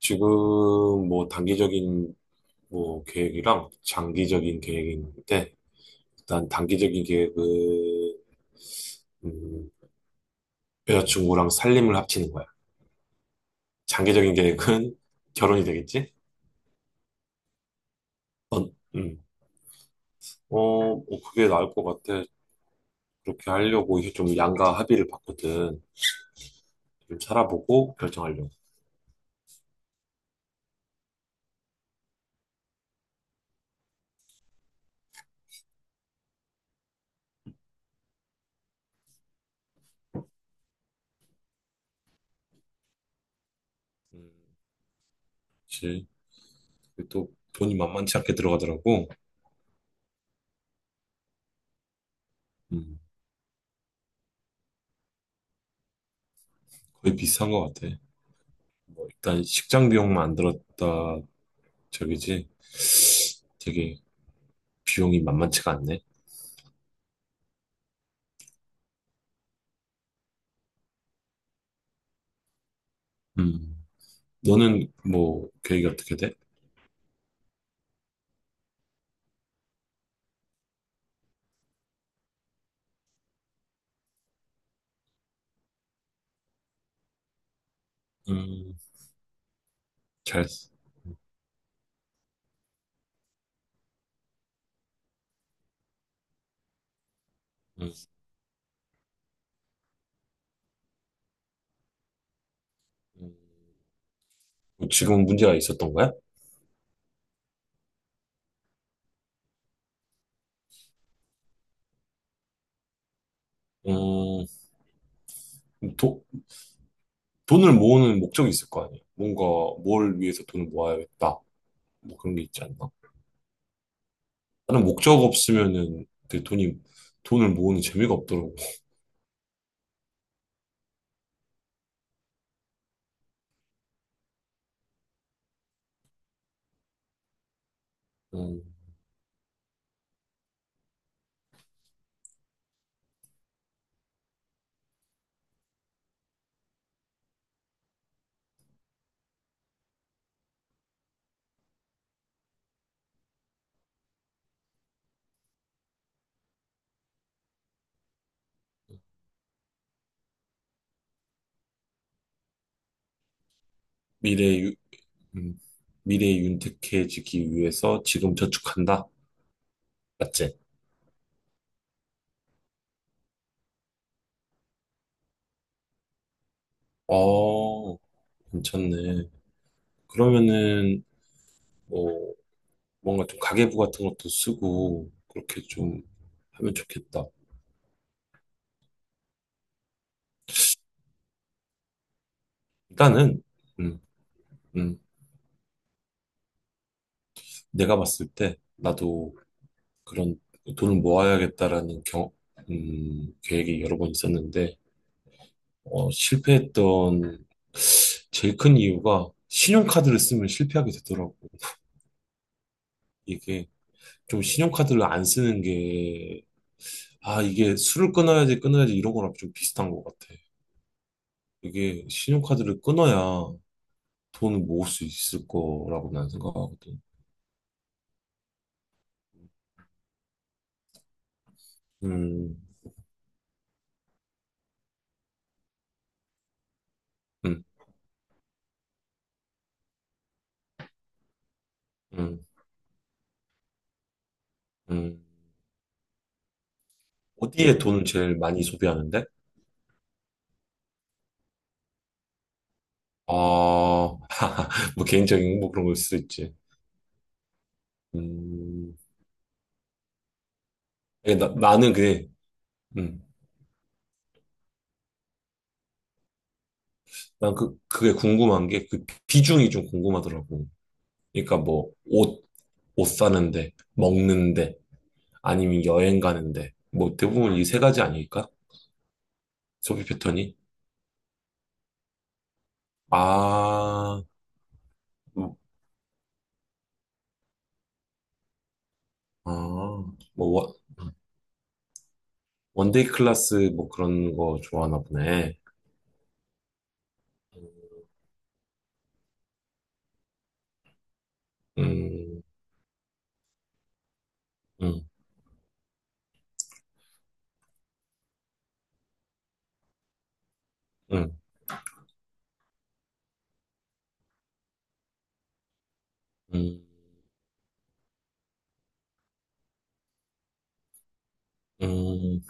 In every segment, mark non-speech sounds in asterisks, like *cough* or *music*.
지금 뭐 단기적인 뭐 계획이랑 장기적인 계획인데 일단 단기적인 계획은 음, 여자친구랑 살림을 합치는 거야. 장기적인 계획은 *laughs* 결혼이 되겠지? 어, 음. 어, 뭐 그게 나을 것 같아. 그렇게 하려고 이게 좀 양가 합의를 봤거든. 좀 살아보고 결정하려고. 음, 그치. 그게 또 돈이 만만치 않게 들어가더라고. 음, 거의 비슷한 것 같아. 뭐 일단 식장 비용만 안 들었다 저기지. 되게 비용이 만만치가 않네. 음. 너는 뭐 계획이 어떻게 돼? 음. 잘, 음. 음. 뭐 지금 문제가 있었던 거야? 음, 도, 돈을 모으는 목적이 있을 거 아니야? 뭔가 뭘 위해서 돈을 모아야겠다. 뭐 그런 게 있지 않나? 나는 목적 없으면은 그 돈을 모으는 재미가 없더라고. 음, 미래, 유, 음, 미래 윤택해지기 위해서 지금 저축한다? 맞지? 어, 괜찮네. 그러면은 뭐 뭔가 좀 가계부 같은 것도 쓰고 그렇게 좀 하면 좋겠다. 일단은 음, 음, 내가 봤을 때 나도 그런 돈을 모아야겠다라는 계획이 여러 번 있었는데 실패했던 제일 큰 이유가 신용카드를 쓰면 실패하게 되더라고. 이게 좀 신용카드를 안 쓰는 게 아, 이게 술을 끊어야지 끊어야지 이런 거랑 좀 비슷한 것 같아. 이게 신용카드를 끊어야 돈을 모을 수 있을 거라고 난 생각하거든. 음. 음. 음. 음. 어디에 돈을 제일 많이 소비하는데? 아, *laughs* 뭐 개인적인 뭐 그런 걸 수도 있지. 음, 예, 나는 그게, 음, 난 그게 궁금한 게 그 비중이 좀 궁금하더라고. 그러니까 뭐 옷 사는데, 먹는데, 아니면 여행 가는데, 뭐 대부분 이 세 가지 아닐까? 소비 패턴이? 아, 음, 아, 뭐, 원데이 클래스 뭐 그런 거 좋아하나 보네. 음. 음. 음. 음. 음. 음.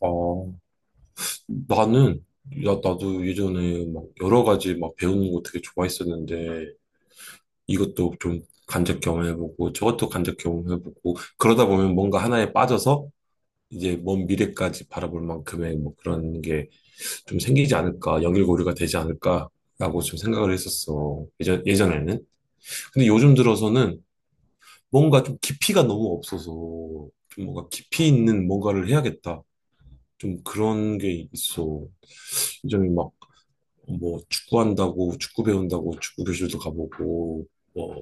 어, 나는, 야, 나도 예전에 막 여러 가지 막 배우는 거 되게 좋아했었는데, 이것도 좀 간접 경험해보고, 저것도 간접 경험해보고, 그러다 보면 뭔가 하나에 빠져서, 이제 먼 미래까지 바라볼 만큼의 뭐 그런 게 좀 생기지 않을까, 연결고리가 되지 않을까라고 좀 생각을 했었어. 예전에는. 근데 요즘 들어서는 뭔가 좀 깊이가 너무 없어서 좀 뭔가 깊이 있는 뭔가를 해야겠다. 좀 그런 게 있어. 굉장히 막 뭐 축구한다고 축구 배운다고 축구 교실도 가보고 뭐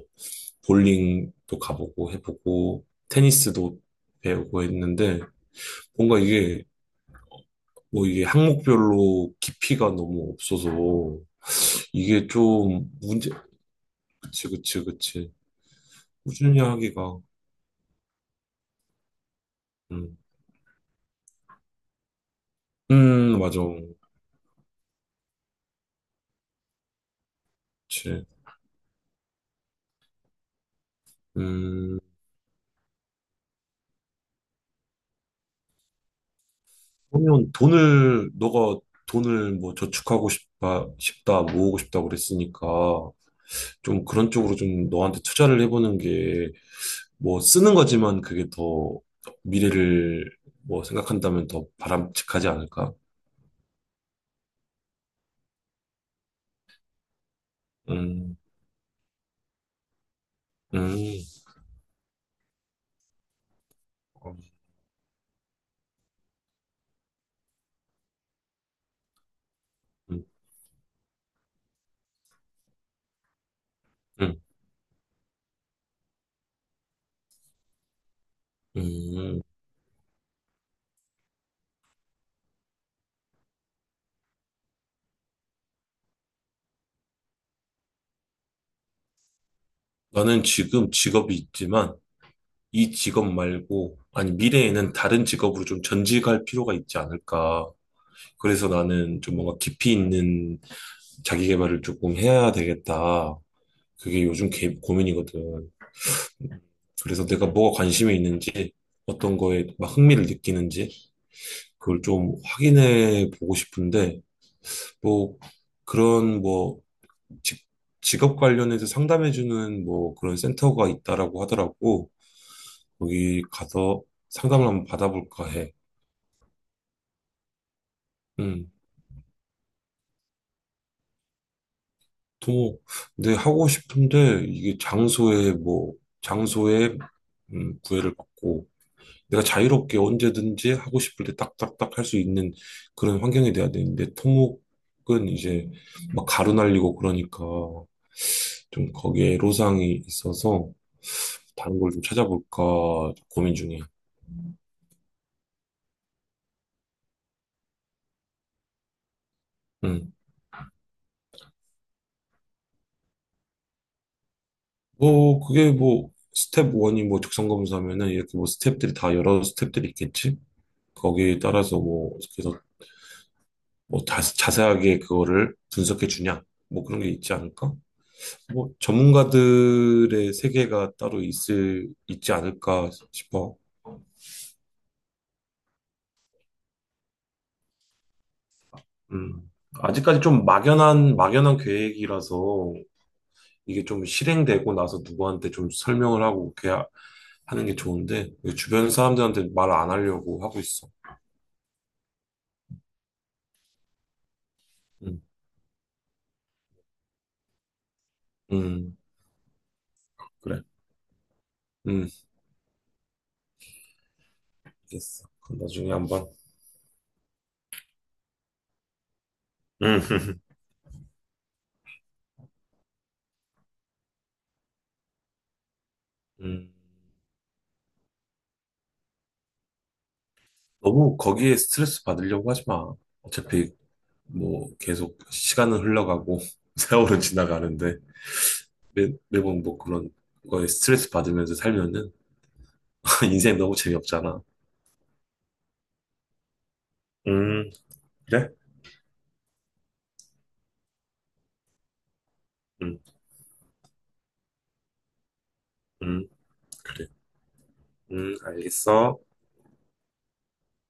볼링도 가보고 해보고 테니스도 배우고 했는데 뭔가 이게 뭐 이게 항목별로 깊이가 너무 없어서 이게 좀 문제. 그치 그치 그치. 꾸준히 하기가 음, 맞아. 그치. 음. 그러면 너가 돈을 뭐 저축하고 싶다, 모으고 싶다 그랬으니까 좀 그런 쪽으로 좀 너한테 투자를 해보는 게 뭐 쓰는 거지만 그게 더 미래를 뭐 생각한다면 더 바람직하지 않을까? 음. 음. 어. 음. 음. 음. 나는 지금 직업이 있지만 이 직업 말고 아니 미래에는 다른 직업으로 좀 전직할 필요가 있지 않을까? 그래서 나는 좀 뭔가 깊이 있는 자기 개발을 조금 해야 되겠다. 그게 요즘 고민이거든. 그래서 내가 뭐가 관심이 있는지, 어떤 거에 막 흥미를 느끼는지, 그걸 좀 확인해 보고 싶은데, 뭐, 그런 뭐, 직, 직업 관련해서 상담해 주는 뭐 그런 센터가 있다라고 하더라고. 거기 가서 상담을 한번 받아볼까 해. 음. 또, 네, 하고 싶은데, 이게 장소에, 구애를 받고, 내가 자유롭게 언제든지 하고 싶을 때 딱딱딱 할 수 있는 그런 환경이 돼야 되는데 토목은 이제 막 가루 날리고 그러니까 좀 거기에 애로사항이 있어서 다른 걸 좀 찾아볼까 고민 중이야. 음. 뭐 그게 뭐 스텝 1이 뭐 적성 검사면은 이렇게 뭐 스텝들이 다 여러 스텝들이 있겠지? 거기에 따라서 뭐 그래서 뭐 자세하게 그거를 분석해 주냐? 뭐 그런 게 있지 않을까? 뭐 전문가들의 세계가 따로 있을 있지 않을까 싶어. 음. 아직까지 좀 막연한 막연한 계획이라서 이게 좀 실행되고 나서 누구한테 좀 설명을 하고 그렇게 하는 게 좋은데 주변 사람들한테 말 안 하려고 하고 있어. 음. 음. 그래. 음. 됐어. 그럼 나중에 한번. 음. 음. 너무 거기에 스트레스 받으려고 하지 마. 어차피 뭐 계속 시간은 흘러가고 *laughs* 세월은 지나가는데. 매번 뭐 그런 거에 스트레스 받으면서 살면은 *laughs* 인생 너무 재미없잖아. 음, 그래? 음, 음, 그래. 알겠어.